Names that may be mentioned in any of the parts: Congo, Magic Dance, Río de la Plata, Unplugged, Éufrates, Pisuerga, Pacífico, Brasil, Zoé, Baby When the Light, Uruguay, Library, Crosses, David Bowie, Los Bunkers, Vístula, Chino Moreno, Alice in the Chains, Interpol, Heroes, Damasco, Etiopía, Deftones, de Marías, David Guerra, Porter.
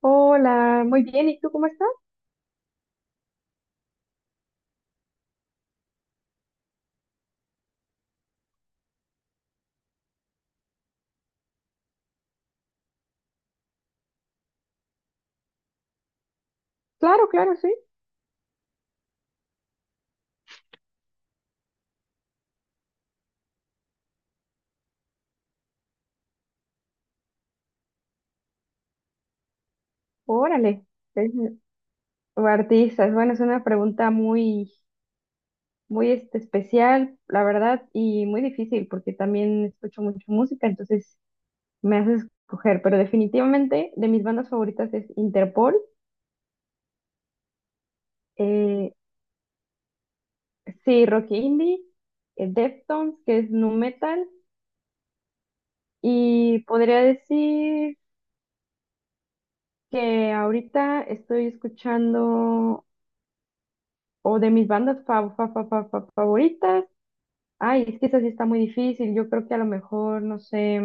Hola, muy bien, ¿y tú cómo estás? Claro, claro, sí. Órale. Es- o artistas, bueno, es una pregunta muy este, especial, la verdad, y muy difícil, porque también escucho mucho música, entonces me haces escoger, pero definitivamente de mis bandas favoritas es Interpol. eh, sí, rock indie, Deftones, que es nu metal, y podría decir que ahorita estoy escuchando, o de mis bandas favoritas. Ay, es que esa sí está muy difícil. Yo creo que a lo mejor, no sé,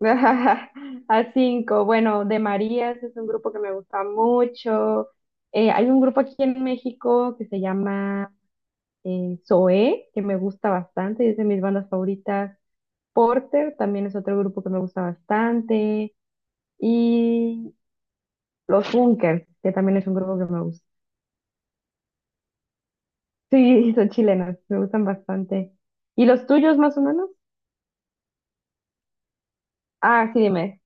a cinco. Bueno, de Marías es un grupo que me gusta mucho. Hay un grupo aquí en México que se llama Zoé, que me gusta bastante, y es de mis bandas favoritas. Porter también es otro grupo que me gusta bastante. Y Los Bunkers, que también es un grupo que me gusta. Sí, son chilenos, me gustan bastante. ¿Y los tuyos más o menos? Ah, sí, dime.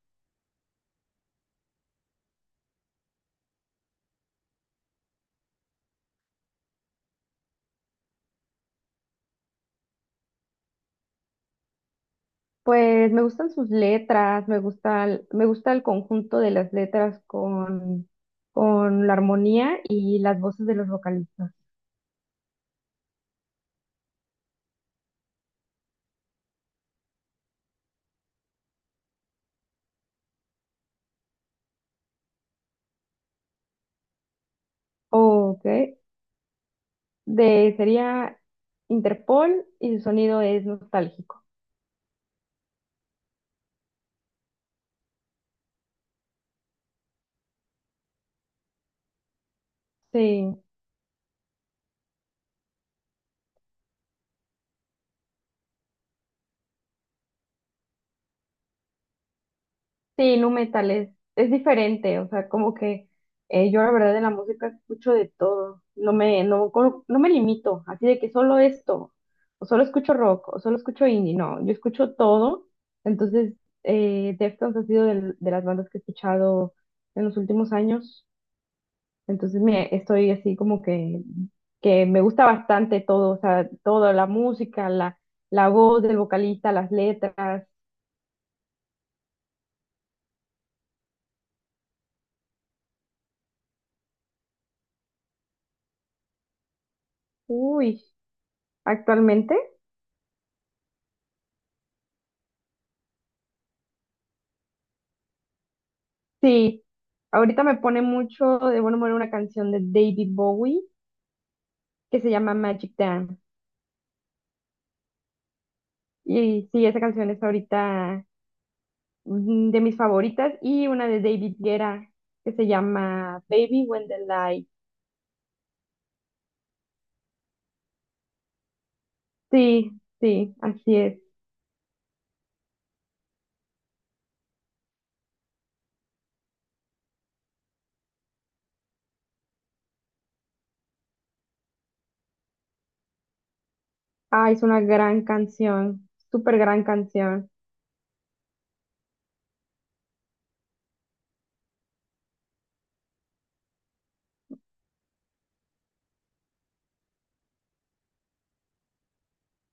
Pues me gustan sus letras, me gusta, me gusta el conjunto de las letras con la armonía y las voces de los vocalistas. Ok, de, sería Interpol y su sonido es nostálgico. Sí. Sí, nu metal es diferente, o sea, como que yo la verdad de la música escucho de todo, no me, no, no me limito, así de que solo esto, o solo escucho rock, o solo escucho indie, no, yo escucho todo, entonces Deftones ha sido de, las bandas que he escuchado en los últimos años, entonces me, estoy así como que me gusta bastante todo, o sea, todo, la música, la voz del vocalista, las letras. Uy, actualmente. Sí, ahorita me pone mucho de buen humor una canción de David Bowie que se llama Magic Dance. Y sí, esa canción es ahorita de mis favoritas y una de David Guerra que se llama Baby When the Light. Sí, sí, así es. Ah, es una gran canción, súper gran canción.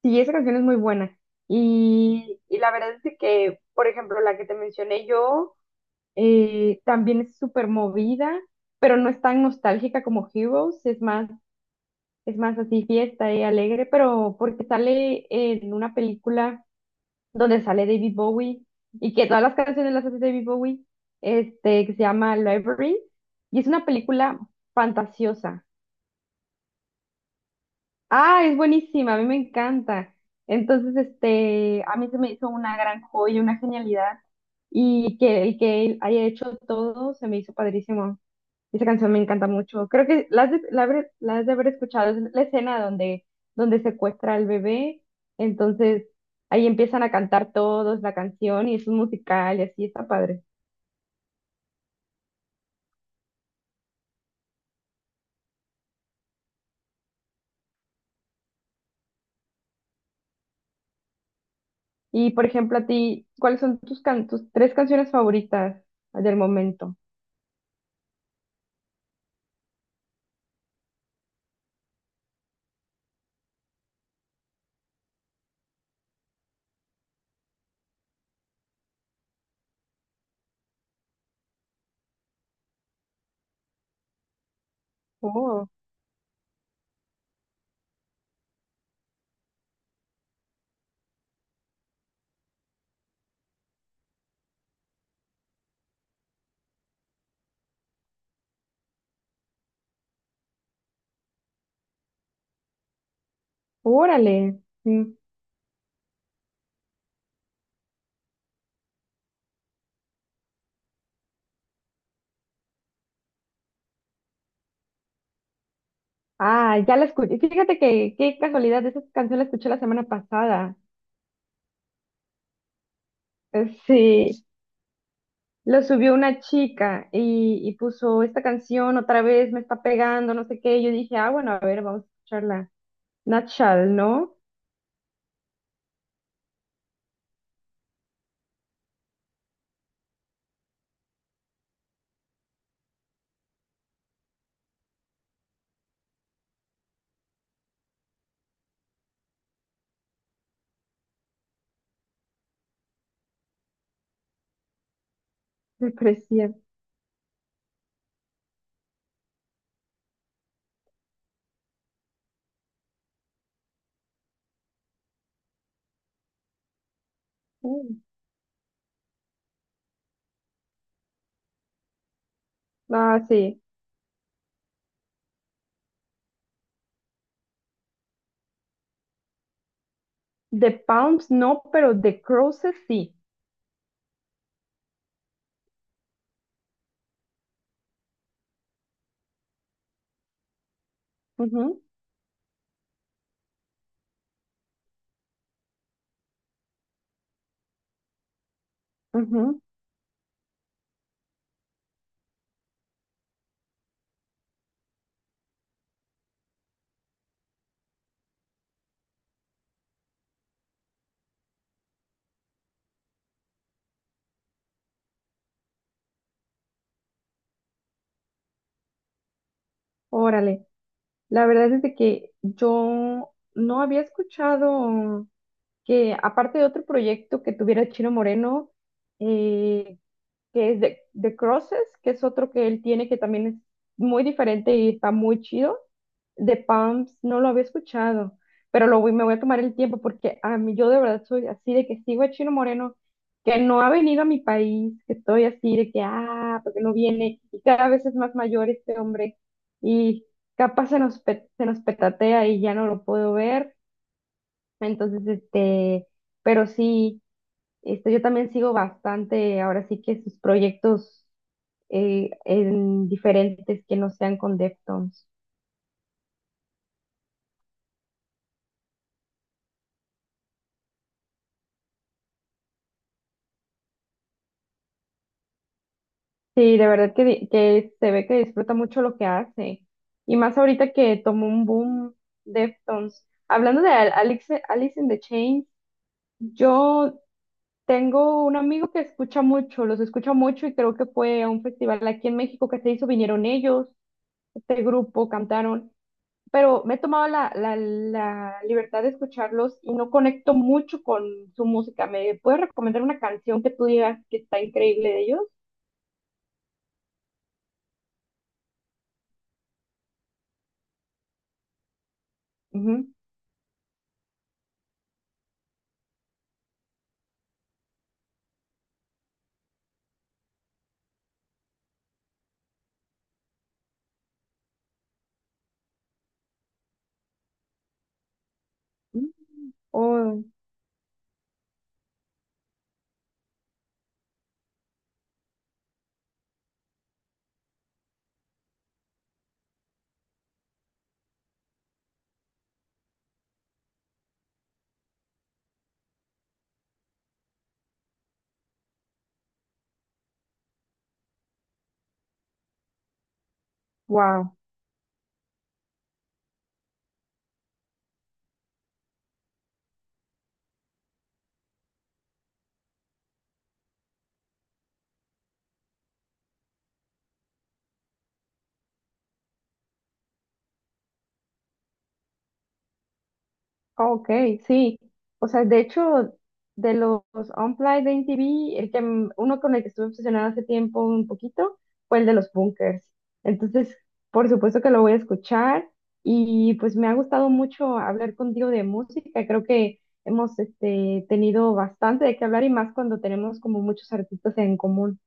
Sí, esa canción es muy buena. Y la verdad es de que, por ejemplo, la que te mencioné yo. También es súper movida, pero no es tan nostálgica como Heroes, es más así fiesta y alegre, pero porque sale en una película donde sale David Bowie y que todas las canciones las hace David Bowie, este, que se llama Library, y es una película fantasiosa. Ah, es buenísima, a mí me encanta. Entonces, este, a mí se me hizo una gran joya, una genialidad, y que el que él haya hecho todo se me hizo padrísimo. Esa canción me encanta mucho. Creo que la has de, la has de haber escuchado. Es la escena donde, donde secuestra al bebé. Entonces ahí empiezan a cantar todos la canción y es un musical y así está padre. Y por ejemplo, a ti, ¿cuáles son tus, tus tres canciones favoritas del momento? Oh, órale. Sí. Ah, ya la escuché. Fíjate que qué casualidad, esa canción la escuché la semana pasada. Sí, lo subió una chica y puso esta canción otra vez, me está pegando, no sé qué. Y yo dije, ah, bueno, a ver, vamos a escucharla. Natchal, ¿no? Me parecía. Mm. Ah, sí. The Palms no, pero The Crosses sí. Ujú, ujú. Órale. La verdad es de que yo no había escuchado que, aparte de otro proyecto que tuviera Chino Moreno, eh, que es de Crosses, que es otro que él tiene que también es muy diferente y está muy chido. De Pumps no lo había escuchado, pero me voy a tomar el tiempo porque a mí yo de verdad soy así de que sigo a Chino Moreno, que no ha venido a mi país, que estoy así de que, ah, porque no viene, y cada vez es más mayor este hombre, y capaz se nos, se nos petatea y ya no lo puedo ver, entonces, este, pero sí. Este, yo también sigo bastante, ahora sí que sus proyectos en diferentes que no sean con Deftones. Sí, de verdad que, que se ve que disfruta mucho lo que hace. Y más ahorita que tomó un boom Deftones. Hablando de Alice, Alice in the Chains, yo tengo un amigo que escucha mucho, los escucha mucho y creo que fue a un festival aquí en México que se hizo, vinieron ellos, este grupo, cantaron. Pero me he tomado la, la libertad de escucharlos y no conecto mucho con su música. ¿Me puedes recomendar una canción que tú digas que está increíble de ellos? Ujú. Oh, wow. Ok, sí. O sea, de hecho, de los Unplugged de MTV, el que, uno con el que estuve obsesionada hace tiempo un poquito fue el de los Bunkers. Entonces, por supuesto que lo voy a escuchar y pues me ha gustado mucho hablar contigo de música. Creo que hemos este, tenido bastante de qué hablar y más cuando tenemos como muchos artistas en común.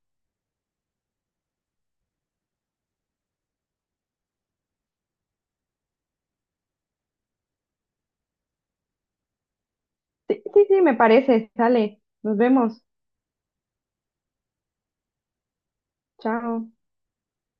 Sí, sí, sí, me parece. Sale. Nos vemos. Chao.